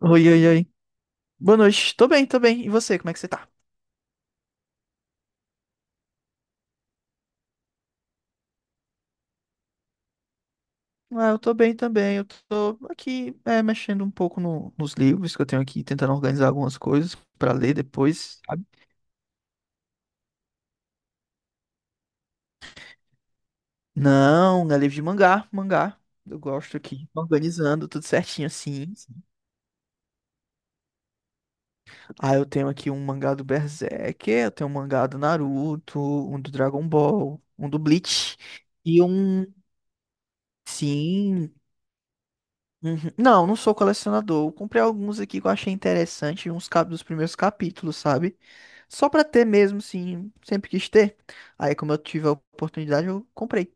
Oi, oi, oi. Boa noite. Tô bem, tô bem. E você, como é que você tá? Ah, eu tô bem também. Eu tô aqui, mexendo um pouco nos livros que eu tenho aqui, tentando organizar algumas coisas pra ler depois, sabe? Não, não é livro de mangá, mangá. Eu gosto aqui, organizando tudo certinho assim. Ah, eu tenho aqui um mangá do Berserk, eu tenho um mangá do Naruto, um do Dragon Ball, um do Bleach e um. Sim, uhum. Não, não sou colecionador. Eu comprei alguns aqui que eu achei interessante, uns cap dos primeiros capítulos, sabe? Só pra ter mesmo, sim, sempre quis ter. Aí, como eu tive a oportunidade, eu comprei.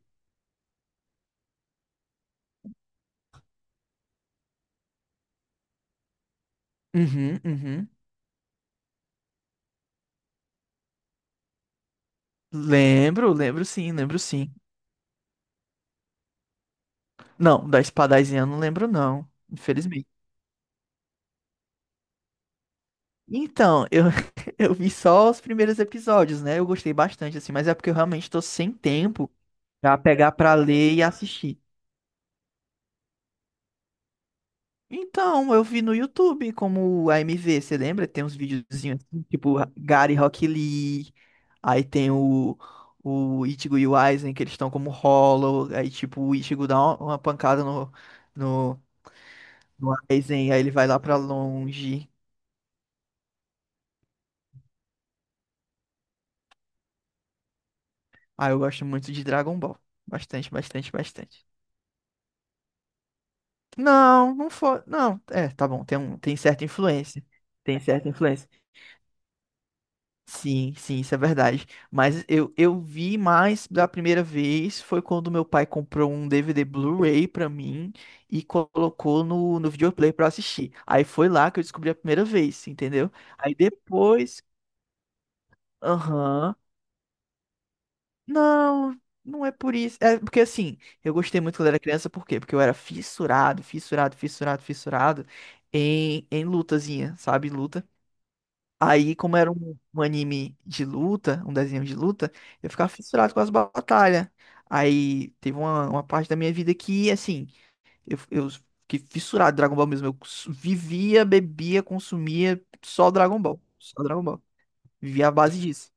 Uhum, uhum. Lembro, lembro sim, lembro sim. Não, da espadazinha eu não lembro não, infelizmente. Então, eu, eu vi só os primeiros episódios, né? Eu gostei bastante, assim, mas é porque eu realmente tô sem tempo pra pegar pra ler e assistir. Então, eu vi no YouTube como a AMV, você lembra? Tem uns videozinhos assim, tipo Gary Rock Lee, aí o Ichigo e o Aizen, que eles estão como Hollow, aí tipo o Ichigo dá uma pancada no, no Aizen, aí ele vai lá pra longe. Aí eu gosto muito de Dragon Ball. Bastante, bastante, bastante. Não, não foi. Não, é, tá bom, tem certa influência. Tem certa influência. Sim, sim, isso é verdade. Mas eu vi mais da primeira vez foi quando meu pai comprou um DVD Blu-ray pra mim e colocou no videoplay pra eu assistir. Aí foi lá que eu descobri a primeira vez, entendeu? Aí depois, aham, não, não é por isso. É porque assim, eu gostei muito quando era criança, por quê? Porque eu era fissurado, fissurado, fissurado, fissurado em lutazinha, sabe? Luta. Aí, como era um anime de luta, um desenho de luta, eu ficava fissurado com as batalhas. Aí teve uma parte da minha vida que, assim, eu fiquei fissurado em Dragon Ball mesmo. Vivia, bebia, consumia só Dragon Ball. Só Dragon Ball. Vivia à base disso.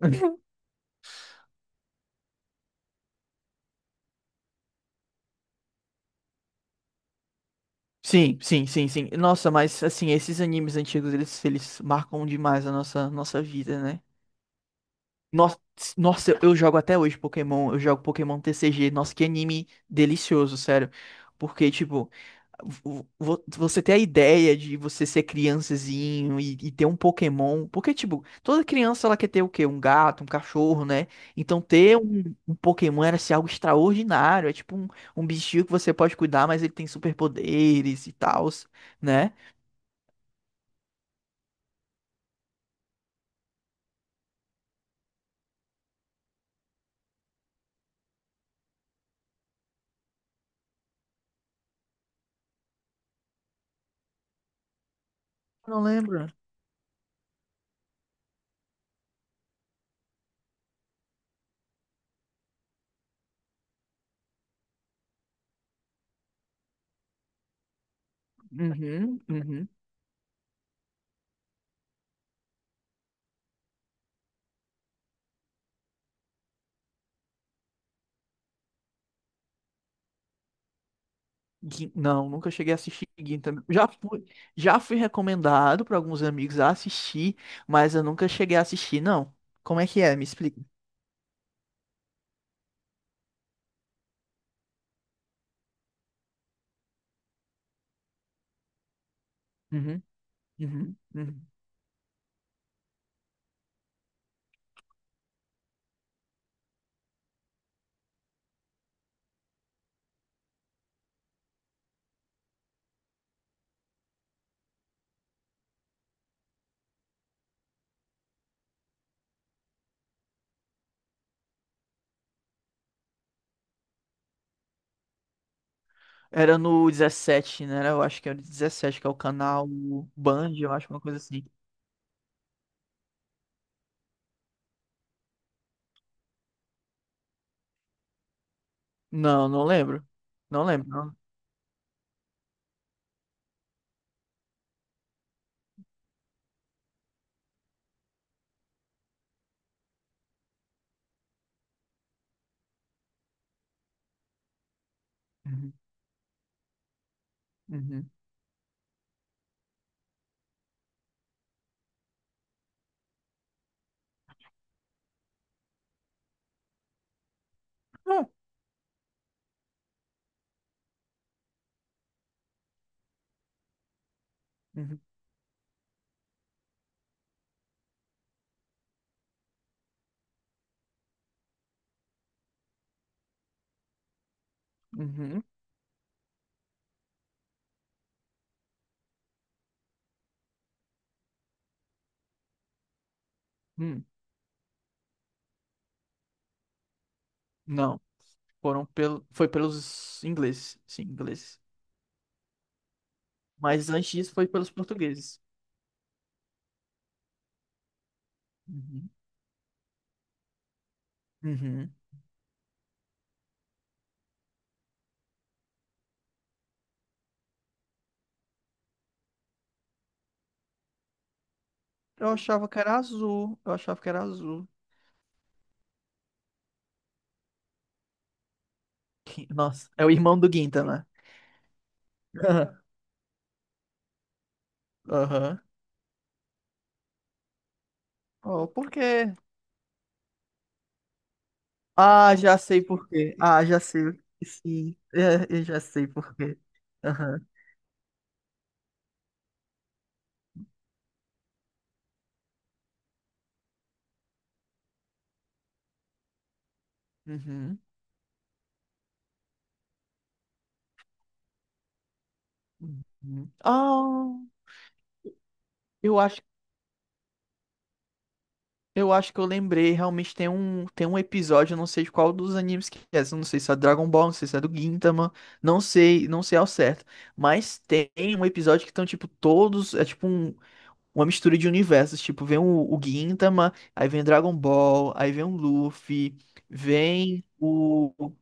Sim, sim, sim, sim. Nossa, mas assim, esses animes antigos, eles marcam demais a nossa vida, né? Nossa, nossa, eu jogo até hoje Pokémon, eu jogo Pokémon TCG. Nossa, que anime delicioso, sério. Porque, tipo, você ter a ideia de você ser criançazinho e ter um Pokémon. Porque, tipo, toda criança ela quer ter o quê? Um gato, um cachorro, né? Então, ter um Pokémon era assim, algo extraordinário. É tipo um, um bichinho que você pode cuidar, mas ele tem superpoderes e tal, né? Não lembro. Uhum, uhum. Não, nunca cheguei a assistir Gintama. Já fui recomendado para alguns amigos a assistir, mas eu nunca cheguei a assistir, não. Como é que é? Me explica. Uhum, uhum, uhum. Era no 17, né? Eu acho que era o 17, que é o canal Band, eu acho, uma coisa assim. Não, não lembro. Não lembro. Não. Uhum, uhum, não. Uhum, uhum, hum, não. Foram pelo, foi pelos ingleses, sim, ingleses. Mas antes disso foi pelos portugueses. Uhum, uhum. Eu achava que era azul. Eu achava que era azul. Nossa, é o irmão do Ginta, né? Aham. Oh, por quê? Ah, já sei por quê. Ah, já sei. Sim, é, eu já sei por quê. Aham. Uhum. Uhum. Ah, eu acho, eu acho que eu lembrei. Realmente tem um episódio, eu não sei de qual dos animes que é. Eu não sei se é Dragon Ball, não sei se é do Gintama. Não sei, não sei ao certo. Mas tem um episódio que estão, tipo, todos. É tipo um. Uma mistura de universos. Tipo, vem o Gintama, aí vem Dragon Ball, aí vem o Luffy, vem o. o-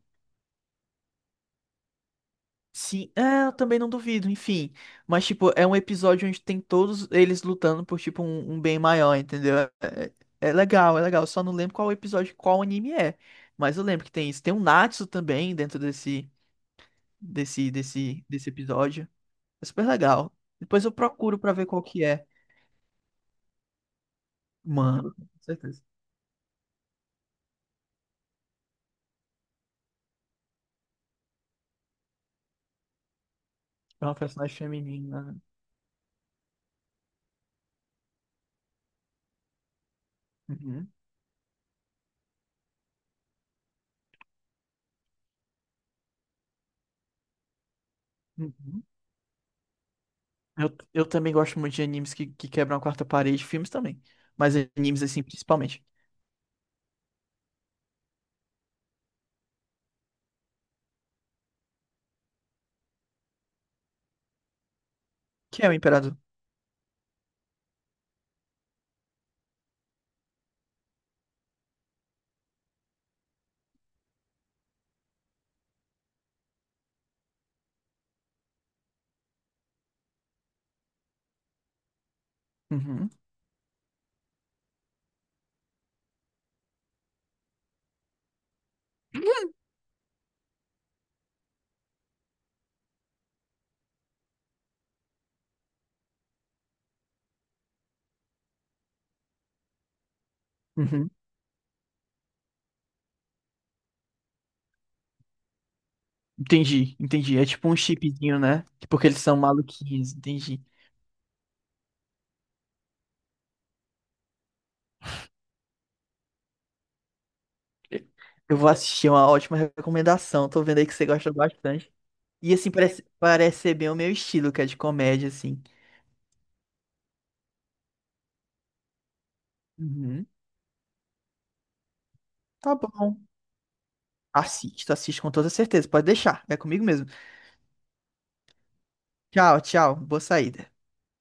sim, é, eu também não duvido, enfim. Mas, tipo, é um episódio onde tem todos eles lutando por, tipo, um bem maior, entendeu? É legal, é legal. Eu só não lembro qual episódio, qual anime é. Mas eu lembro que tem isso. Tem um Natsu também dentro desse episódio. É super legal. Depois eu procuro pra ver qual que é. Mano, com certeza. É uma personagem feminina. Uhum. Uhum. Eu também gosto muito de animes que quebram a quarta parede, filmes também. Mas animes, assim, principalmente. Que é o Imperador. Uhum. Uhum. Entendi, entendi. É tipo um chipzinho, né? Porque eles são maluquinhos, entendi. Eu vou assistir, é uma ótima recomendação. Tô vendo aí que você gosta bastante. E assim, parece, parece ser bem o meu estilo, que é de comédia, assim. Uhum. Tá bom. Assisto, assisto com toda certeza. Pode deixar. É comigo mesmo. Tchau, tchau. Boa saída.